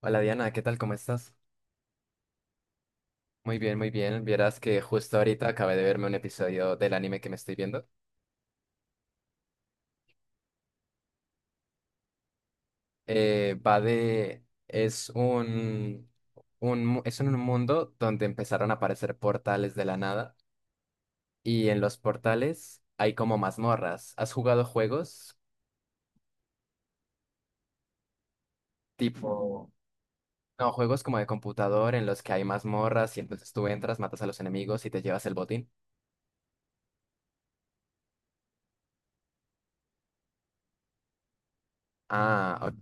Hola Diana, ¿qué tal? ¿Cómo estás? Muy bien, muy bien. Vieras que justo ahorita acabé de verme un episodio del anime que me estoy viendo. Va de... Es un... mu- Es en un mundo donde empezaron a aparecer portales de la nada y en los portales hay como mazmorras. ¿Has jugado juegos tipo... No, juegos como de computador en los que hay mazmorras y entonces tú entras, matas a los enemigos y te llevas el botín? Ah, ok.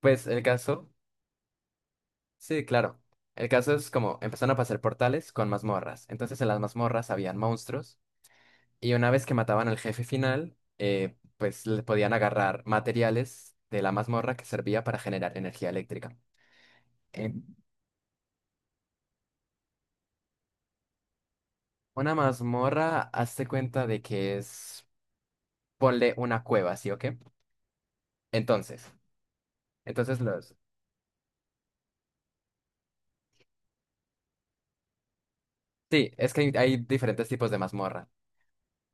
Pues el caso... Sí, claro. El caso es como empezaron a pasar portales con mazmorras. Entonces en las mazmorras habían monstruos y una vez que mataban al jefe final, pues le podían agarrar materiales de la mazmorra que servía para generar energía eléctrica. Eh, una mazmorra, hazte cuenta de que es, ponle una cueva, ¿sí o qué? Entonces, entonces los... Sí, es que hay diferentes tipos de mazmorra.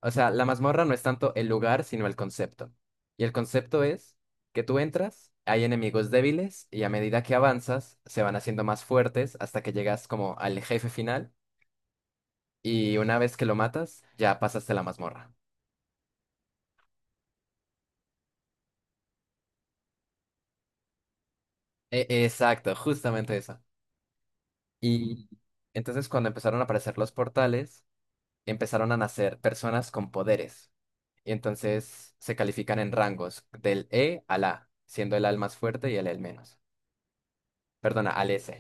O sea, la mazmorra no es tanto el lugar, sino el concepto. Y el concepto es que tú entras, hay enemigos débiles y a medida que avanzas se van haciendo más fuertes hasta que llegas como al jefe final y una vez que lo matas ya pasaste la mazmorra. E- exacto, justamente eso. Y entonces cuando empezaron a aparecer los portales, empezaron a nacer personas con poderes. Y entonces se califican en rangos del E al A, siendo el A el más fuerte y el E el menos. Perdona, al S.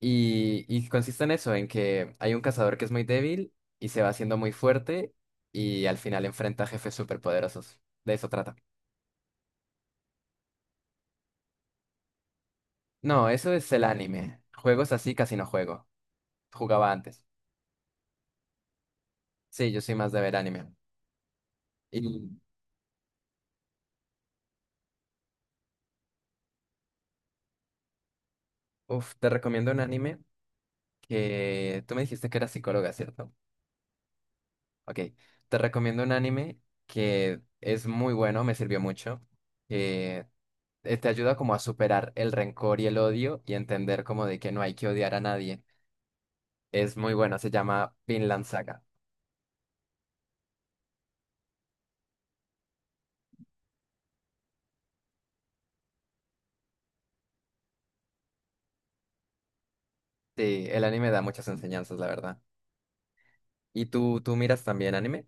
Y consiste en eso, en que hay un cazador que es muy débil y se va haciendo muy fuerte y al final enfrenta a jefes superpoderosos. De eso trata. No, eso es el anime. Juegos así casi no juego. Jugaba antes. Sí, yo soy más de ver anime. Y, uff, te recomiendo un anime que... Tú me dijiste que eras psicóloga, ¿cierto? Ok. Te recomiendo un anime que es muy bueno, me sirvió mucho. Que te ayuda como a superar el rencor y el odio y entender como de que no hay que odiar a nadie. Es muy buena, se llama Vinland Saga. Sí, el anime da muchas enseñanzas, la verdad. ¿Y tú miras también anime?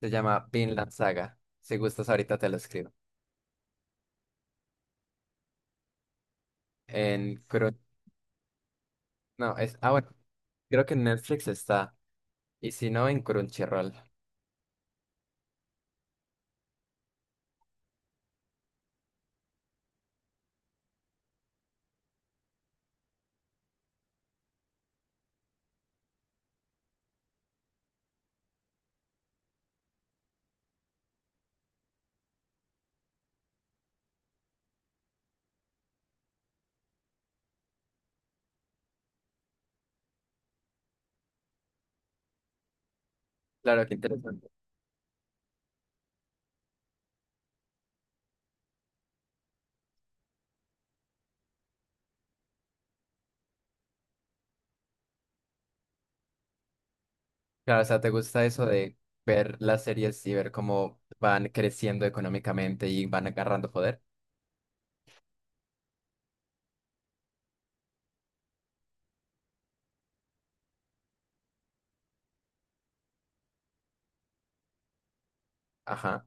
Se llama Vinland Saga. Si gustas, ahorita te lo escribo. En Crun... No, es... Ah, bueno. Creo que en Netflix está. Y si no, en Crunchyroll. Claro, qué interesante. Claro, o sea, ¿te gusta eso de ver las series y ver cómo van creciendo económicamente y van agarrando poder? Ajá.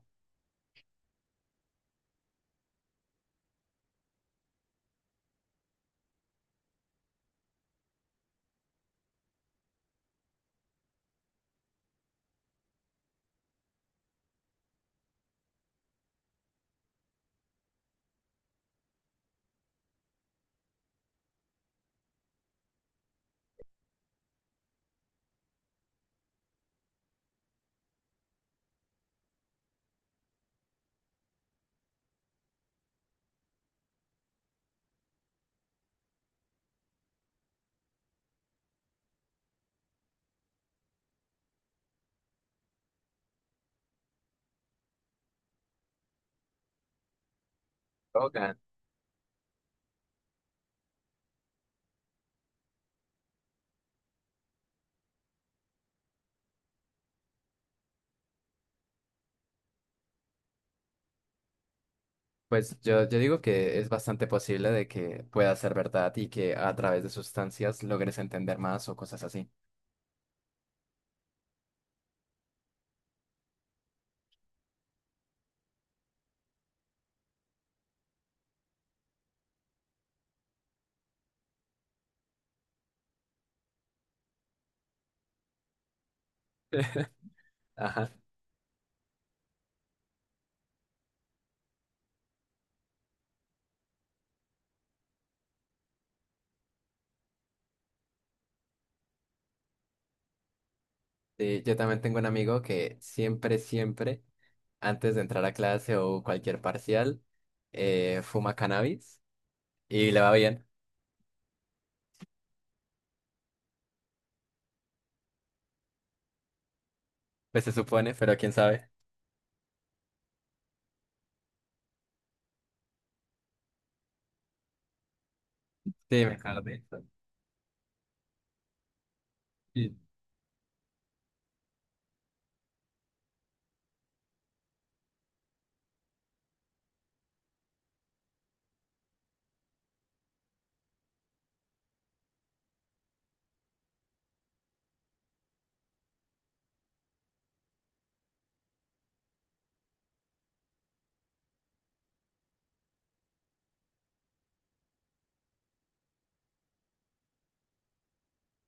Logan. Pues yo digo que es bastante posible de que pueda ser verdad y que a través de sustancias logres entender más o cosas así. Ajá. Sí, yo también tengo un amigo que siempre, siempre, antes de entrar a clase o cualquier parcial, fuma cannabis y le va bien, pues se supone, pero quién sabe. Sí, me acuerdo. Sí.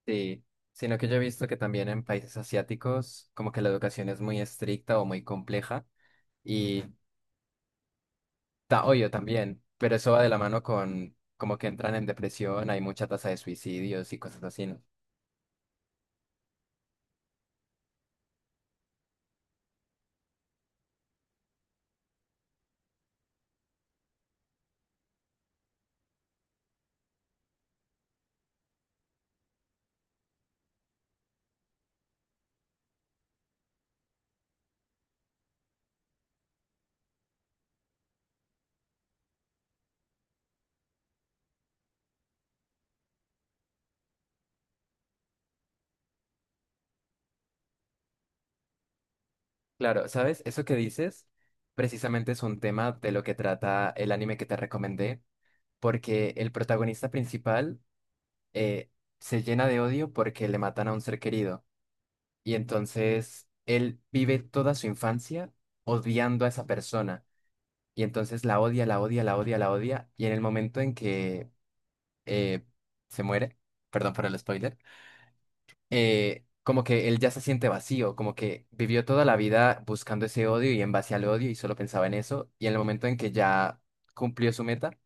Sí, sino que yo he visto que también en países asiáticos como que la educación es muy estricta o muy compleja y ta- obvio, también, pero eso va de la mano con como que entran en depresión, hay mucha tasa de suicidios y cosas así, ¿no? Claro, ¿sabes? Eso que dices precisamente es un tema de lo que trata el anime que te recomendé, porque el protagonista principal eh, se llena de odio porque le matan a un ser querido y entonces él vive toda su infancia odiando a esa persona y entonces la odia, la odia, la odia, la odia y en el momento en que eh, se muere, perdón por el spoiler, como que él ya se siente vacío, como que vivió toda la vida buscando ese odio y en base al odio y solo pensaba en eso, y en el momento en que ya cumplió su meta,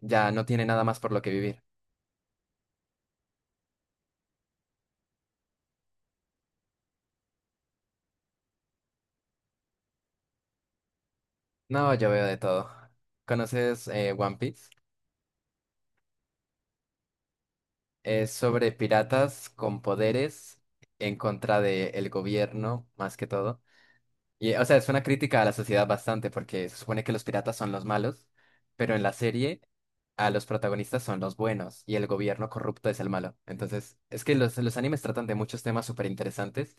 ya no tiene nada más por lo que vivir. No, yo veo de todo. ¿Conoces One Piece? Es sobre piratas con poderes en contra del gobierno, más que todo. Y, o sea, es una crítica a la sociedad bastante, porque se supone que los piratas son los malos, pero en la serie a los protagonistas son los buenos y el gobierno corrupto es el malo. Entonces, es que los animes tratan de muchos temas súper interesantes,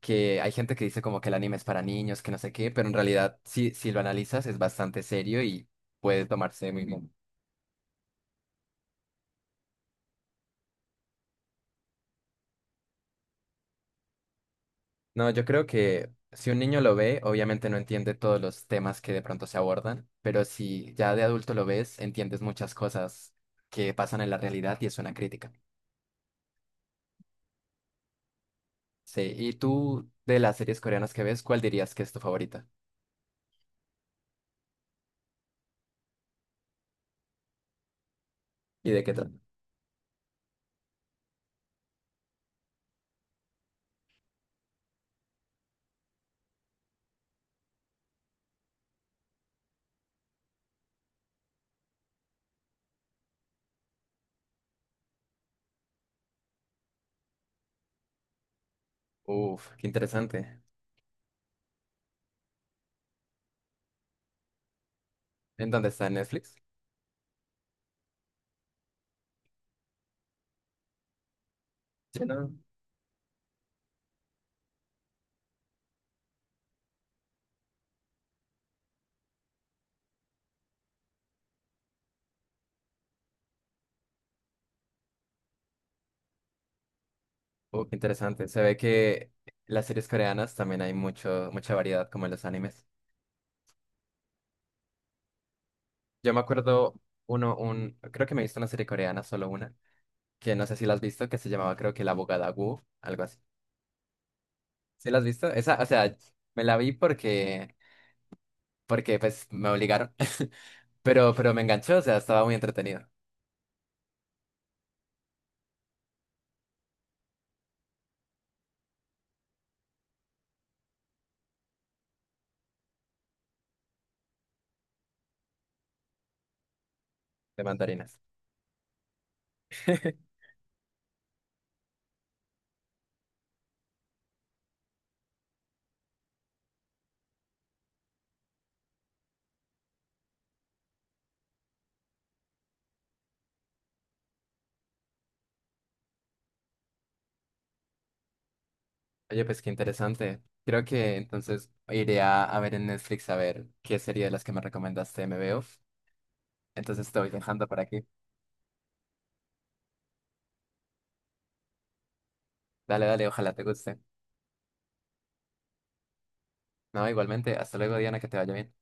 que hay gente que dice como que el anime es para niños, que no sé qué, pero en realidad, si lo analizas, es bastante serio y puede tomarse muy bien. No, yo creo que si un niño lo ve, obviamente no entiende todos los temas que de pronto se abordan, pero si ya de adulto lo ves, entiendes muchas cosas que pasan en la realidad y es una crítica. Sí, y tú, de las series coreanas que ves, ¿cuál dirías que es tu favorita? ¿Y de qué trata? Uf, qué interesante. ¿En dónde está? ¿En Netflix? Sí, no. Qué interesante. Se ve que las series coreanas también hay mucho, mucha variedad, como en los animes. Yo me acuerdo uno, un, creo que me he visto una serie coreana, solo una que no sé si la has visto, que se llamaba creo que La Abogada Wu, algo así. ¿Sí la has visto? Esa, o sea, me la vi porque, porque pues me obligaron, pero me enganchó, o sea, estaba muy entretenido. De mandarinas. Oye, pues qué interesante. Creo que entonces iré a ver en Netflix a ver qué serie de las que me recomendaste me veo. Entonces te voy dejando por aquí. Dale, dale, ojalá te guste. No, igualmente, hasta luego, Diana, que te vaya bien.